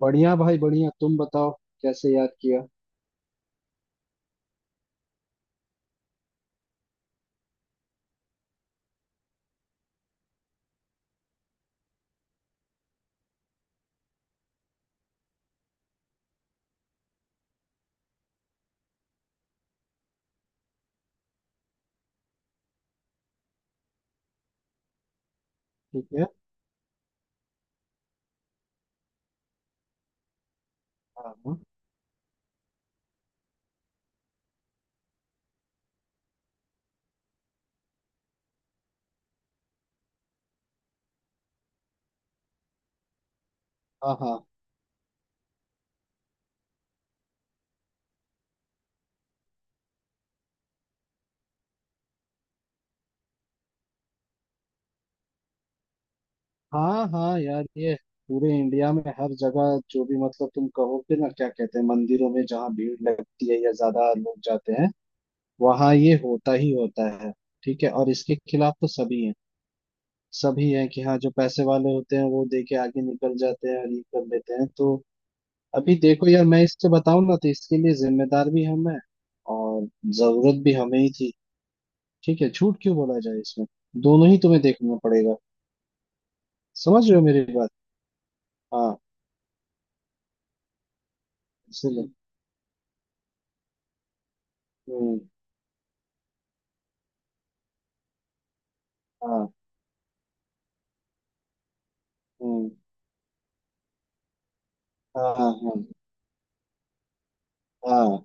बढ़िया भाई बढ़िया। तुम बताओ कैसे याद किया। ठीक है। हाँ हाँ। हाँ हाँ हाँ यार, ये पूरे इंडिया में हर जगह जो भी मतलब तुम कहोगे ना क्या कहते हैं, मंदिरों में जहाँ भीड़ लगती है या ज्यादा लोग जाते हैं वहाँ ये होता ही होता है। ठीक है, और इसके खिलाफ तो सभी हैं। सभी हैं कि हाँ जो पैसे वाले होते हैं वो दे के आगे निकल जाते हैं और ये कर लेते हैं, तो अभी देखो यार, मैं इससे बताऊं ना तो इसके लिए जिम्मेदार भी हम हैं और जरूरत भी हमें ही थी। ठीक है, झूठ क्यों बोला जाए इसमें। दोनों ही तुम्हें देखना पड़ेगा। समझ रहे हो मेरी बात। हाँ। इसलिए। हम्म। हाँ। हम्म। हाँ हाँ हाँ हाँ।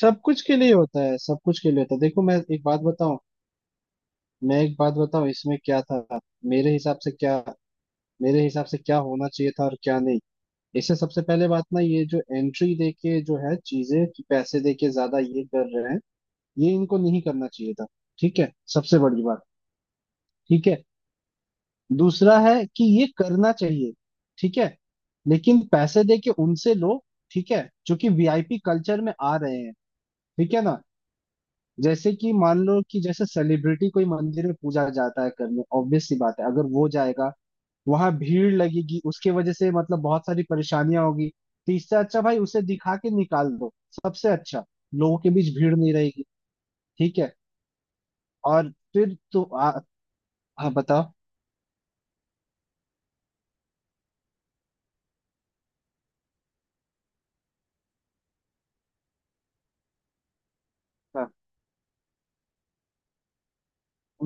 सब कुछ के लिए होता है, सब कुछ के लिए होता है। देखो, मैं एक बात बताऊं इसमें क्या था। मेरे हिसाब से क्या मेरे हिसाब से क्या होना चाहिए था और क्या नहीं। इससे सबसे पहले बात ना, ये जो एंट्री दे के जो है चीजें कि पैसे दे के ज्यादा ये कर रहे हैं, ये इनको नहीं करना चाहिए था। ठीक है, सबसे बड़ी बात। ठीक है, दूसरा है कि ये करना चाहिए। ठीक है, लेकिन पैसे दे के उनसे लो। ठीक है, जो कि वीआईपी कल्चर में आ रहे हैं। ठीक है ना। जैसे कि मान लो कि जैसे सेलिब्रिटी कोई मंदिर में पूजा जाता है करने, ऑब्वियस सी बात है अगर वो जाएगा वहां भीड़ लगेगी उसके वजह से मतलब बहुत सारी परेशानियां होगी। तो इससे अच्छा भाई उसे दिखा के निकाल दो, सबसे अच्छा, लोगों के बीच भीड़ नहीं रहेगी। ठीक है, और फिर तो हाँ बताओ। हाँ,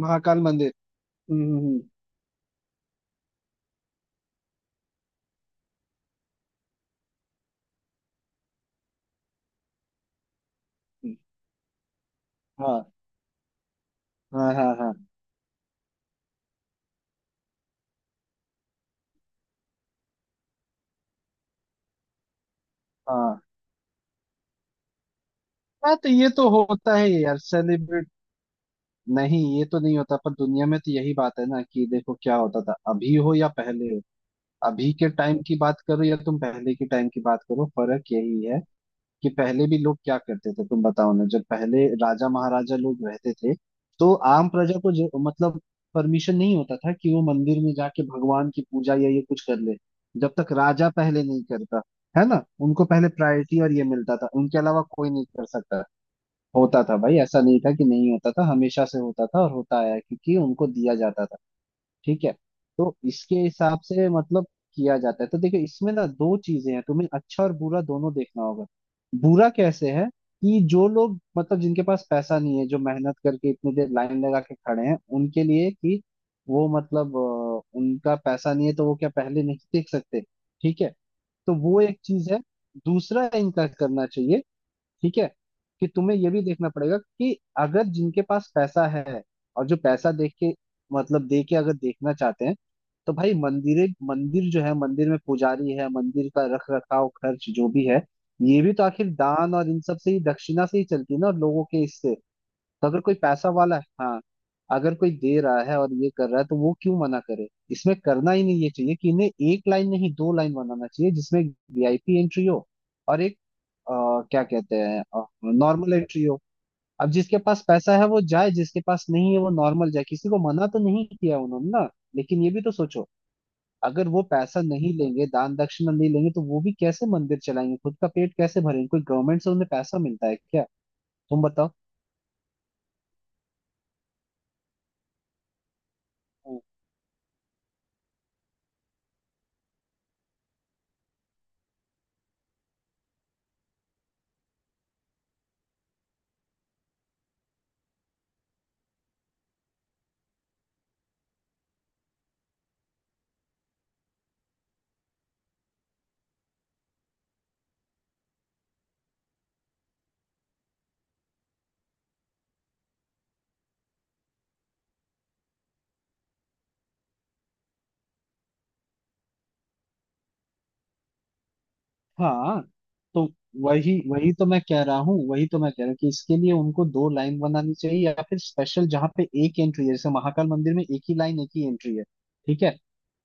महाकाल मंदिर। हम्म। हम्म। हाँ हाँ हाँ। हाँ हाँ हाँ, तो ये तो होता है यार सेलिब्रेट। नहीं, ये तो नहीं होता पर दुनिया में तो यही बात है ना, कि देखो क्या होता था अभी हो या पहले हो। अभी के टाइम की बात करो या तुम पहले के टाइम की बात करो, फर्क यही है कि पहले भी लोग क्या करते थे। तुम बताओ ना, जब पहले राजा महाराजा लोग रहते थे तो आम प्रजा को मतलब परमिशन नहीं होता था कि वो मंदिर में जाके भगवान की पूजा या ये कुछ कर ले जब तक राजा पहले नहीं करता। है ना, उनको पहले प्रायोरिटी और ये मिलता था, उनके अलावा कोई नहीं कर सकता। होता था भाई, ऐसा नहीं था कि नहीं होता था, हमेशा से होता था और होता आया है, क्योंकि उनको दिया जाता था। ठीक है, तो इसके हिसाब से मतलब किया जाता है, तो देखो इसमें ना दो चीजें हैं, तुम्हें अच्छा और बुरा दोनों देखना होगा। बुरा कैसे है कि जो लोग मतलब जिनके पास पैसा नहीं है, जो मेहनत करके इतनी देर लाइन लगा के खड़े हैं उनके लिए कि वो मतलब उनका पैसा नहीं है तो वो क्या पहले नहीं देख सकते। ठीक है, तो वो एक चीज है। दूसरा इनका करना चाहिए। ठीक है, कि तुम्हें ये भी देखना पड़ेगा कि अगर जिनके पास पैसा है और जो पैसा देख के मतलब दे के अगर देखना चाहते हैं तो भाई मंदिर मंदिर जो है, मंदिर में पुजारी है, मंदिर का रख रखाव खर्च जो भी है ये भी तो आखिर दान और इन सब से ही, दक्षिणा से ही चलती है ना, और लोगों के इससे। तो अगर कोई पैसा वाला है, हाँ, अगर कोई दे रहा है और ये कर रहा है तो वो क्यों मना करे इसमें। करना ही नहीं ये चाहिए कि इन्हें एक लाइन नहीं दो लाइन बनाना चाहिए, जिसमें वीआईपी एंट्री हो और एक क्या कहते हैं, नॉर्मल एंट्री हो। अब जिसके पास पैसा है वो जाए, जिसके पास नहीं है वो नॉर्मल जाए, किसी को मना तो नहीं किया उन्होंने ना। लेकिन ये भी तो सोचो, अगर वो पैसा नहीं लेंगे दान दक्षिणा नहीं लेंगे तो वो भी कैसे मंदिर चलाएंगे, खुद का पेट कैसे भरेंगे, कोई गवर्नमेंट से उन्हें पैसा मिलता है क्या। तुम बताओ। हाँ, तो वही वही तो मैं कह रहा हूँ, वही तो मैं कह रहा हूँ कि इसके लिए उनको दो लाइन बनानी चाहिए या फिर स्पेशल, जहाँ पे एक एंट्री है जैसे महाकाल मंदिर में एक ही लाइन एक ही एंट्री है। ठीक है,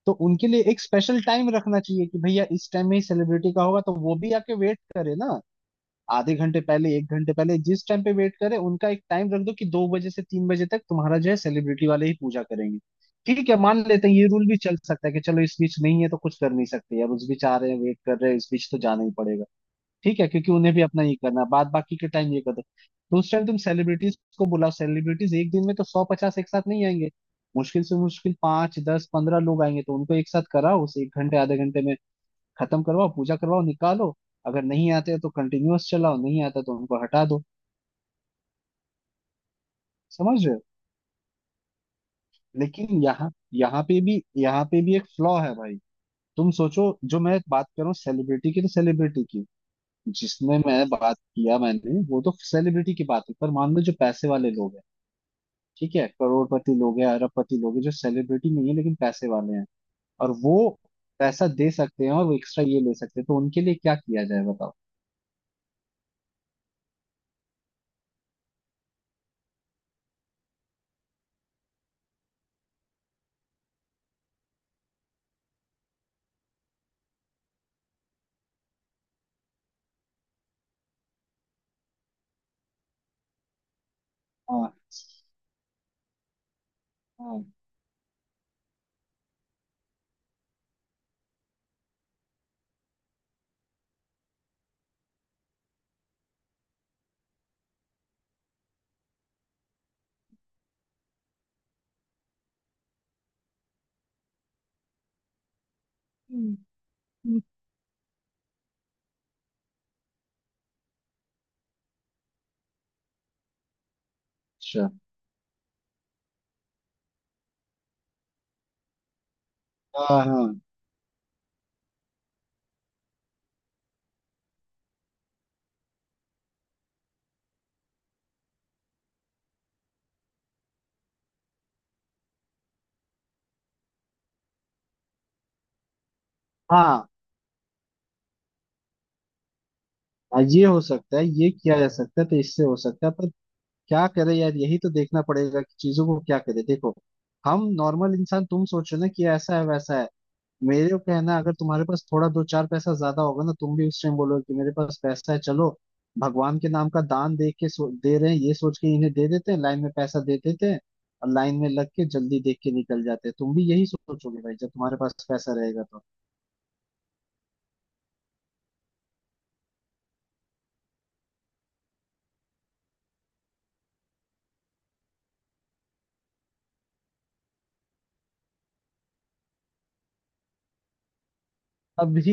तो उनके लिए एक स्पेशल टाइम रखना चाहिए कि भैया इस टाइम में ही सेलिब्रिटी का होगा, तो वो भी आके वेट करे ना। आधे घंटे पहले, एक घंटे पहले, जिस टाइम पे वेट करे, उनका एक टाइम रख दो कि 2 बजे से 3 बजे तक तुम्हारा जो है सेलिब्रिटी वाले ही पूजा करेंगे। ठीक है, मान लेते हैं ये रूल भी चल सकता है, कि चलो इस बीच नहीं है तो कुछ कर नहीं सकते यार, उस बीच आ रहे हैं वेट कर रहे हैं, इस बीच तो जाना ही पड़ेगा। ठीक है, क्योंकि उन्हें भी अपना ये करना है, बाद बाकी के टाइम ये करते तो उस टाइम तुम सेलिब्रिटीज को बुलाओ। सेलिब्रिटीज एक दिन में तो सौ पचास एक साथ नहीं आएंगे। मुश्किल से मुश्किल पांच दस पंद्रह लोग आएंगे तो उनको एक साथ कराओ उसे एक घंटे आधे घंटे में खत्म करवाओ, पूजा करवाओ, निकालो। अगर नहीं आते हैं तो कंटिन्यूअस चलाओ, नहीं आता तो उनको हटा दो। समझ रहे हो। लेकिन यहाँ यहाँ पे भी एक फ्लॉ है भाई। तुम सोचो, जो मैं बात कर रहा हूँ सेलिब्रिटी की तो सेलिब्रिटी की, जिसने मैं बात किया, मैंने वो तो सेलिब्रिटी की बात है, पर मान लो जो पैसे वाले लोग हैं। ठीक है, करोड़पति लोग हैं, अरबपति लोग हैं जो सेलिब्रिटी नहीं है लेकिन पैसे वाले हैं। और वो पैसा दे सकते हैं और वो एक्स्ट्रा ये ले सकते हैं, तो उनके लिए क्या किया जाए बताओ। हाँ हाँ। हम्म। हम्म। अच्छा। हाँ हाँ हाँ। हाँ, ये हो सकता है, ये किया जा सकता है तो इससे हो सकता है पर क्या करे यार, यही तो देखना पड़ेगा कि चीजों को क्या करे। देखो, हम नॉर्मल इंसान, तुम सोचो ना कि ऐसा है वैसा है। मेरे को कहना है, अगर तुम्हारे पास थोड़ा दो चार पैसा ज्यादा होगा ना, तुम भी उस टाइम बोलोगे कि मेरे पास पैसा है, चलो भगवान के नाम का दान दे के, सो दे रहे हैं ये सोच के इन्हें दे देते हैं, लाइन में पैसा दे देते हैं और लाइन में लग के जल्दी देख के निकल जाते हैं। तुम भी यही सोचोगे भाई जब तुम्हारे पास पैसा रहेगा तो। अभी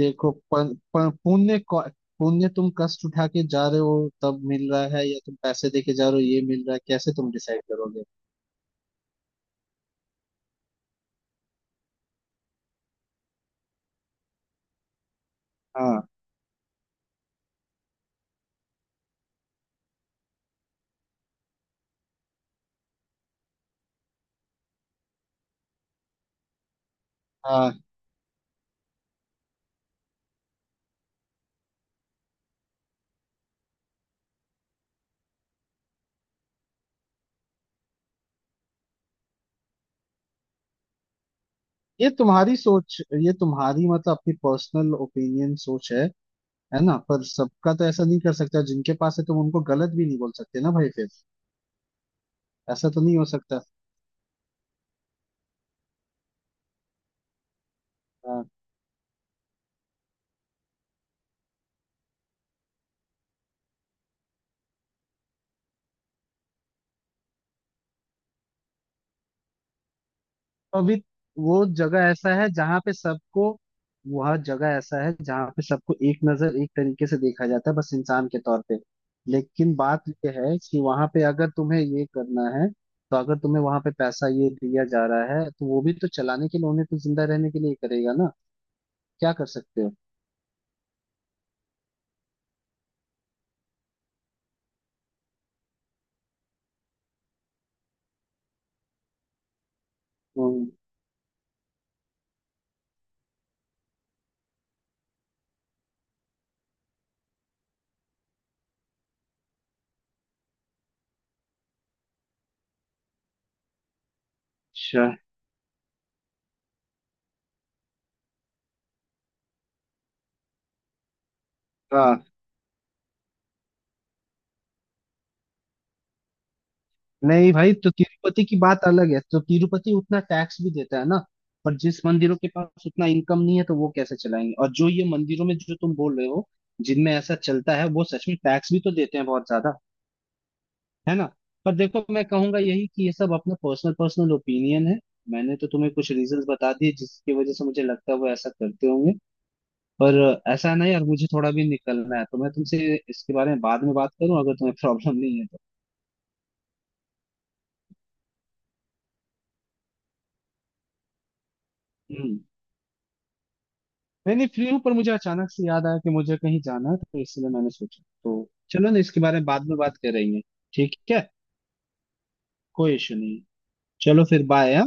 देखो, पुण्य तुम कष्ट उठा के जा रहे हो तब मिल रहा है या तुम पैसे दे के जा रहे हो ये मिल रहा है, कैसे तुम डिसाइड करोगे। हाँ हाँ, ये तुम्हारी सोच, ये तुम्हारी मतलब अपनी पर्सनल ओपिनियन सोच है ना। पर सबका तो ऐसा नहीं कर सकता, जिनके पास है तुम उनको गलत भी नहीं बोल सकते ना भाई फिर। ऐसा तो नहीं हो सकता। हाँ। तो अभी वो जगह ऐसा है जहाँ पे सबको वह जगह ऐसा है जहाँ पे सबको एक नजर एक तरीके से देखा जाता है, बस इंसान के तौर पे। लेकिन बात ये है कि वहां पे अगर तुम्हें ये करना है, तो अगर तुम्हें वहां पे पैसा ये दिया जा रहा है तो वो भी तो चलाने के लिए, उन्हें तो जिंदा रहने के लिए ही करेगा ना। क्या कर सकते हो। अच्छा। हाँ। नहीं भाई, तो तिरुपति की बात अलग है, तो तिरुपति उतना टैक्स भी देता है ना। पर जिस मंदिरों के पास उतना इनकम नहीं है तो वो कैसे चलाएंगे, और जो ये मंदिरों में जो तुम बोल रहे हो जिनमें ऐसा चलता है वो सच में टैक्स भी तो देते हैं बहुत ज्यादा। है ना। पर देखो, मैं कहूंगा यही कि ये सब अपना पर्सनल पर्सनल ओपिनियन है। मैंने तो तुम्हें कुछ रीजंस बता दिए जिसकी वजह से मुझे लगता है वो ऐसा करते होंगे। पर ऐसा नहीं यार, मुझे थोड़ा भी निकलना है तो मैं तुमसे इसके बारे में बाद में बात करूं, अगर तुम्हें प्रॉब्लम नहीं है तो। हम्म। नहीं नहीं, फ्री हूँ पर मुझे अचानक से याद आया कि मुझे कहीं जाना है, तो इसलिए मैंने सोचा तो चलो ना इसके बारे में बाद में बात कर रही है। ठीक है, कोई इशू नहीं है। चलो फिर बाय।